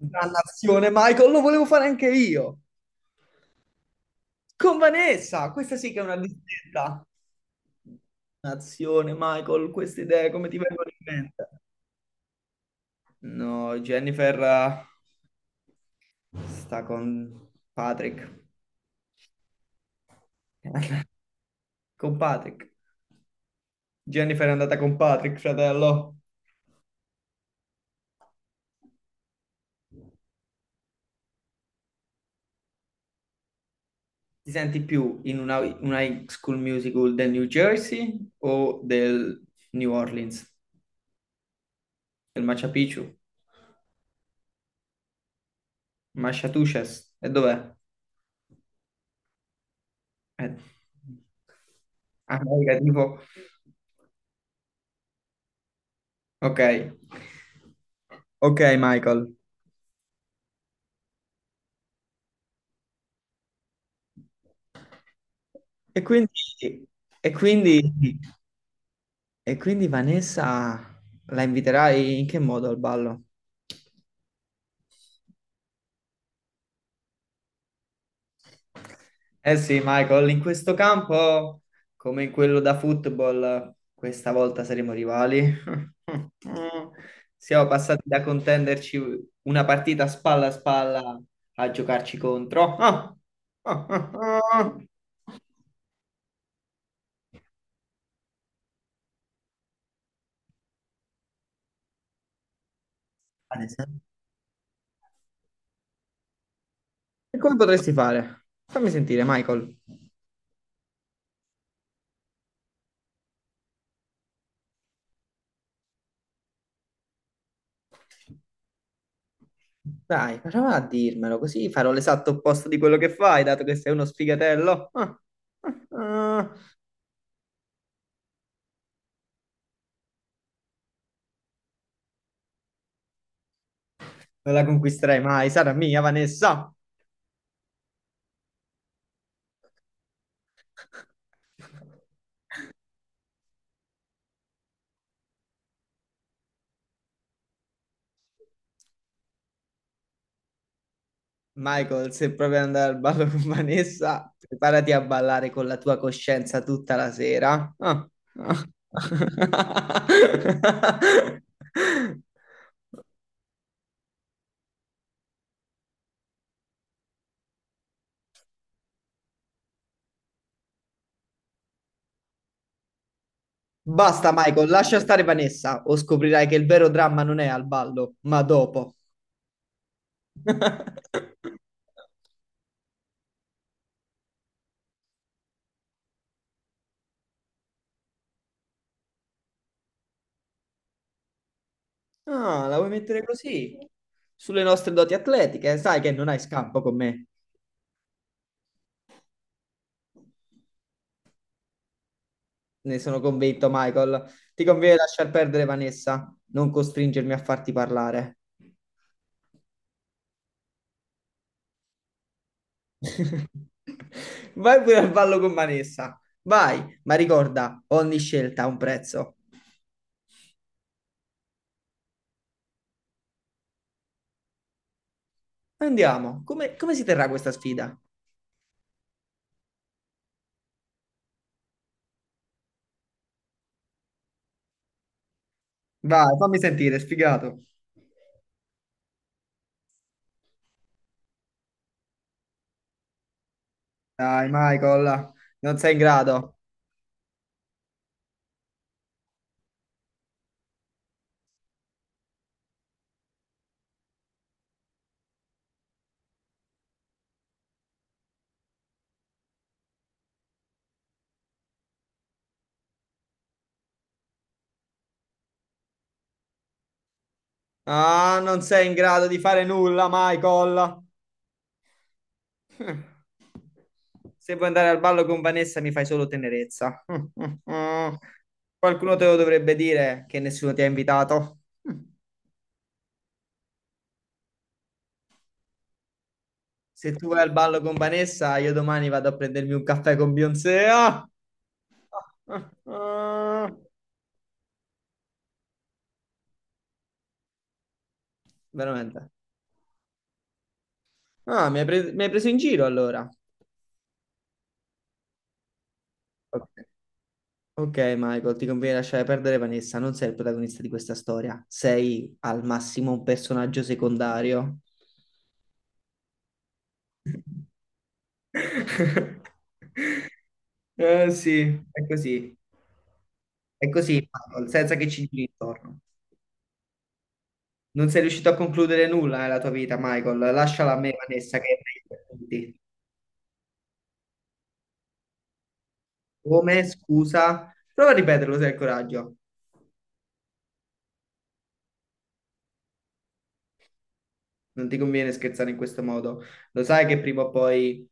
Dannazione, Michael, lo volevo fare anche io. Con Vanessa, questa sì che è una disdetta. Dannazione, Michael, queste idee come ti vengono in mente? No, Jennifer sta con Patrick. Con Patrick. Jennifer è andata con Patrick, fratello. Ti senti più in una high school musical del New Jersey o del New Orleans? Del Machu Picchu? Massachusetts? E dov'è? Eh, ah, raga, tipo, ok, ok Michael. E quindi, e quindi, e quindi Vanessa la inviterai in che modo al ballo? Eh sì, Michael, in questo campo, come in quello da football, questa volta saremo rivali. Siamo passati da contenderci una partita spalla a spalla a giocarci contro. Ah, ah, ah, ah. Adesso. E come potresti fare? Fammi sentire, Michael. Dai, prova a dirmelo, così farò l'esatto opposto di quello che fai, dato che sei uno sfigatello. Ah, ah, ah. Non la conquisterai mai, sarà mia, Vanessa. Michael, se proprio andare al ballo con Vanessa, preparati a ballare con la tua coscienza tutta la sera. Ah, ah. Basta, Michael, lascia stare Vanessa o scoprirai che il vero dramma non è al ballo, ma dopo. Ah, la vuoi mettere così? Sulle nostre doti atletiche, sai che non hai scampo con me. Ne sono convinto, Michael. Ti conviene lasciar perdere Vanessa, non costringermi a farti parlare. Vai pure al ballo con Vanessa. Vai, ma ricorda, ogni scelta ha un prezzo. Andiamo. Come si terrà questa sfida? Vai, fammi sentire, sfigato. Dai, Michael, non sei in grado. Ah, non sei in grado di fare nulla, Michael. Se vuoi andare al ballo con Vanessa mi fai solo tenerezza. Qualcuno te lo dovrebbe dire che nessuno ti ha invitato. Se tu vai al ballo con Vanessa, io domani vado a prendermi un caffè con Beyoncé. Ah! Ah, Veramente. Ah, mi hai preso in giro allora. Ok. Ok, Michael, ti conviene lasciare perdere Vanessa, non sei il protagonista di questa storia, sei al massimo un personaggio secondario. Sì, è così, è così, Michael, senza che ci giri intorno. Non sei riuscito a concludere nulla nella tua vita, Michael. Lasciala a me, Vanessa, che è meglio per tutti. Come? Scusa? Prova a ripeterlo se hai il coraggio. Non ti conviene scherzare in questo modo. Lo sai che prima o poi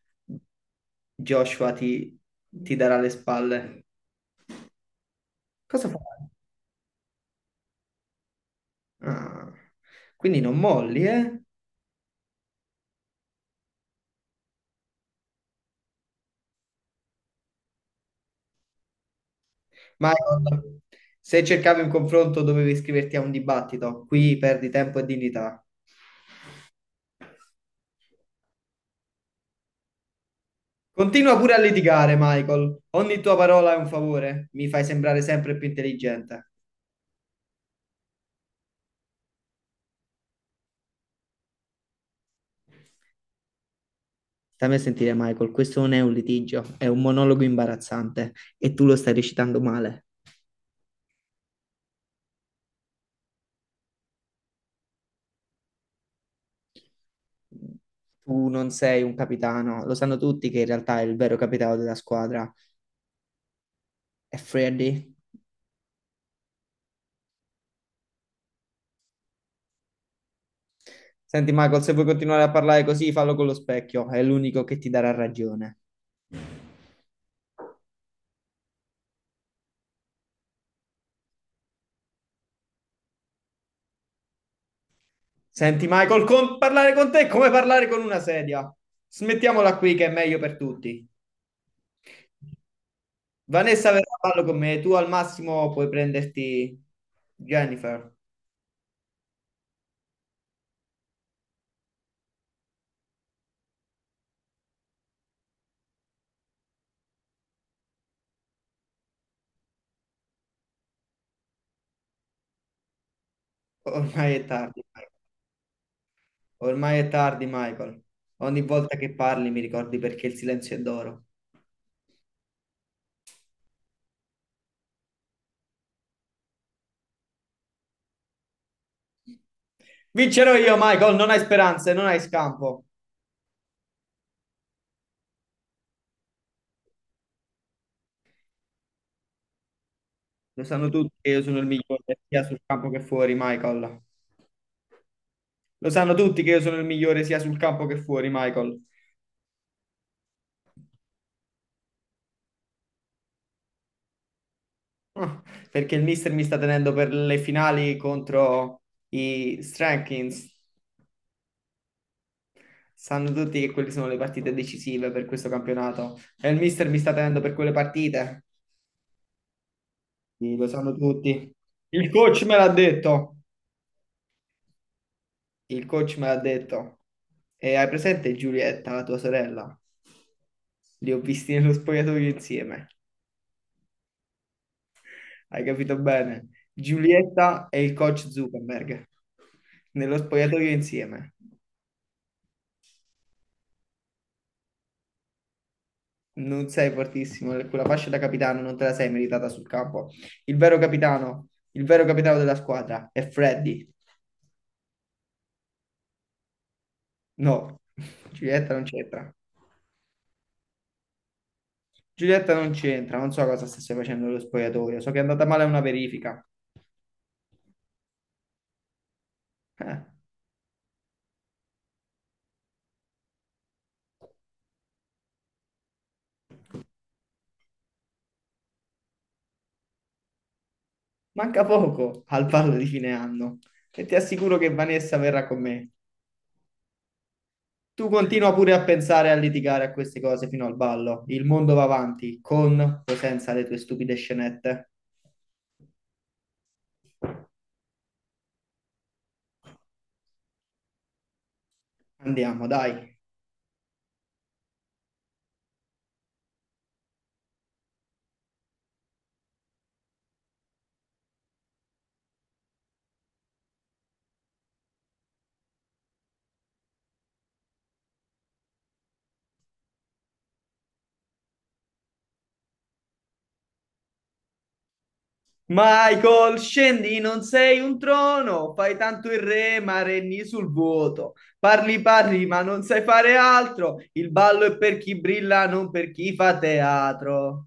Joshua ti darà le spalle. Cosa fai? Ah, quindi non molli, eh? Michael, se cercavi un confronto dovevi iscriverti a un dibattito. Qui perdi tempo e dignità. Continua pure a litigare, Michael. Ogni tua parola è un favore. Mi fai sembrare sempre più intelligente. Stammi a sentire, Michael, questo non è un litigio, è un monologo imbarazzante e tu lo stai recitando male. Tu non sei un capitano, lo sanno tutti che in realtà il vero capitano della squadra è Freddy. Senti, Michael, se vuoi continuare a parlare così, fallo con lo specchio, è l'unico che ti darà ragione. Senti, Michael, parlare con te è come parlare con una sedia. Smettiamola qui che è meglio per tutti. Vanessa verrà a ballo con me, tu al massimo puoi prenderti Jennifer. Ormai è tardi, Michael. Ormai è tardi, Michael. Ogni volta che parli mi ricordi perché il silenzio è d'oro. Vincerò io, Michael, non hai speranze, non hai scampo. Lo sanno tutti che io sono il migliore sia sul campo che fuori, Michael. Lo sanno tutti che io sono il migliore sia sul campo che fuori, Michael. Ah, perché il mister mi sta tenendo per le finali contro i Strankins. Sanno tutti che quelle sono le partite decisive per questo campionato. E il mister mi sta tenendo per quelle partite. Sì, lo sanno tutti. Il coach me l'ha detto. Il coach me l'ha detto. E hai presente Giulietta, la tua sorella? Li ho visti nello spogliatoio insieme. Hai capito bene? Giulietta e il coach Zuckerberg nello spogliatoio insieme. Non sei fortissimo, quella fascia da capitano non te la sei meritata sul campo. Il vero capitano della squadra è Freddy. No, Giulietta non c'entra. Giulietta non c'entra, non so cosa stesse facendo lo spogliatoio, so che è andata male una verifica. Eh, manca poco al ballo di fine anno e ti assicuro che Vanessa verrà con me. Tu continua pure a pensare e a litigare a queste cose fino al ballo. Il mondo va avanti, con o senza le tue stupide scenette. Andiamo, dai. Michael, scendi, non sei un trono, fai tanto il re, ma regni sul vuoto. Parli, parli, ma non sai fare altro. Il ballo è per chi brilla, non per chi fa teatro.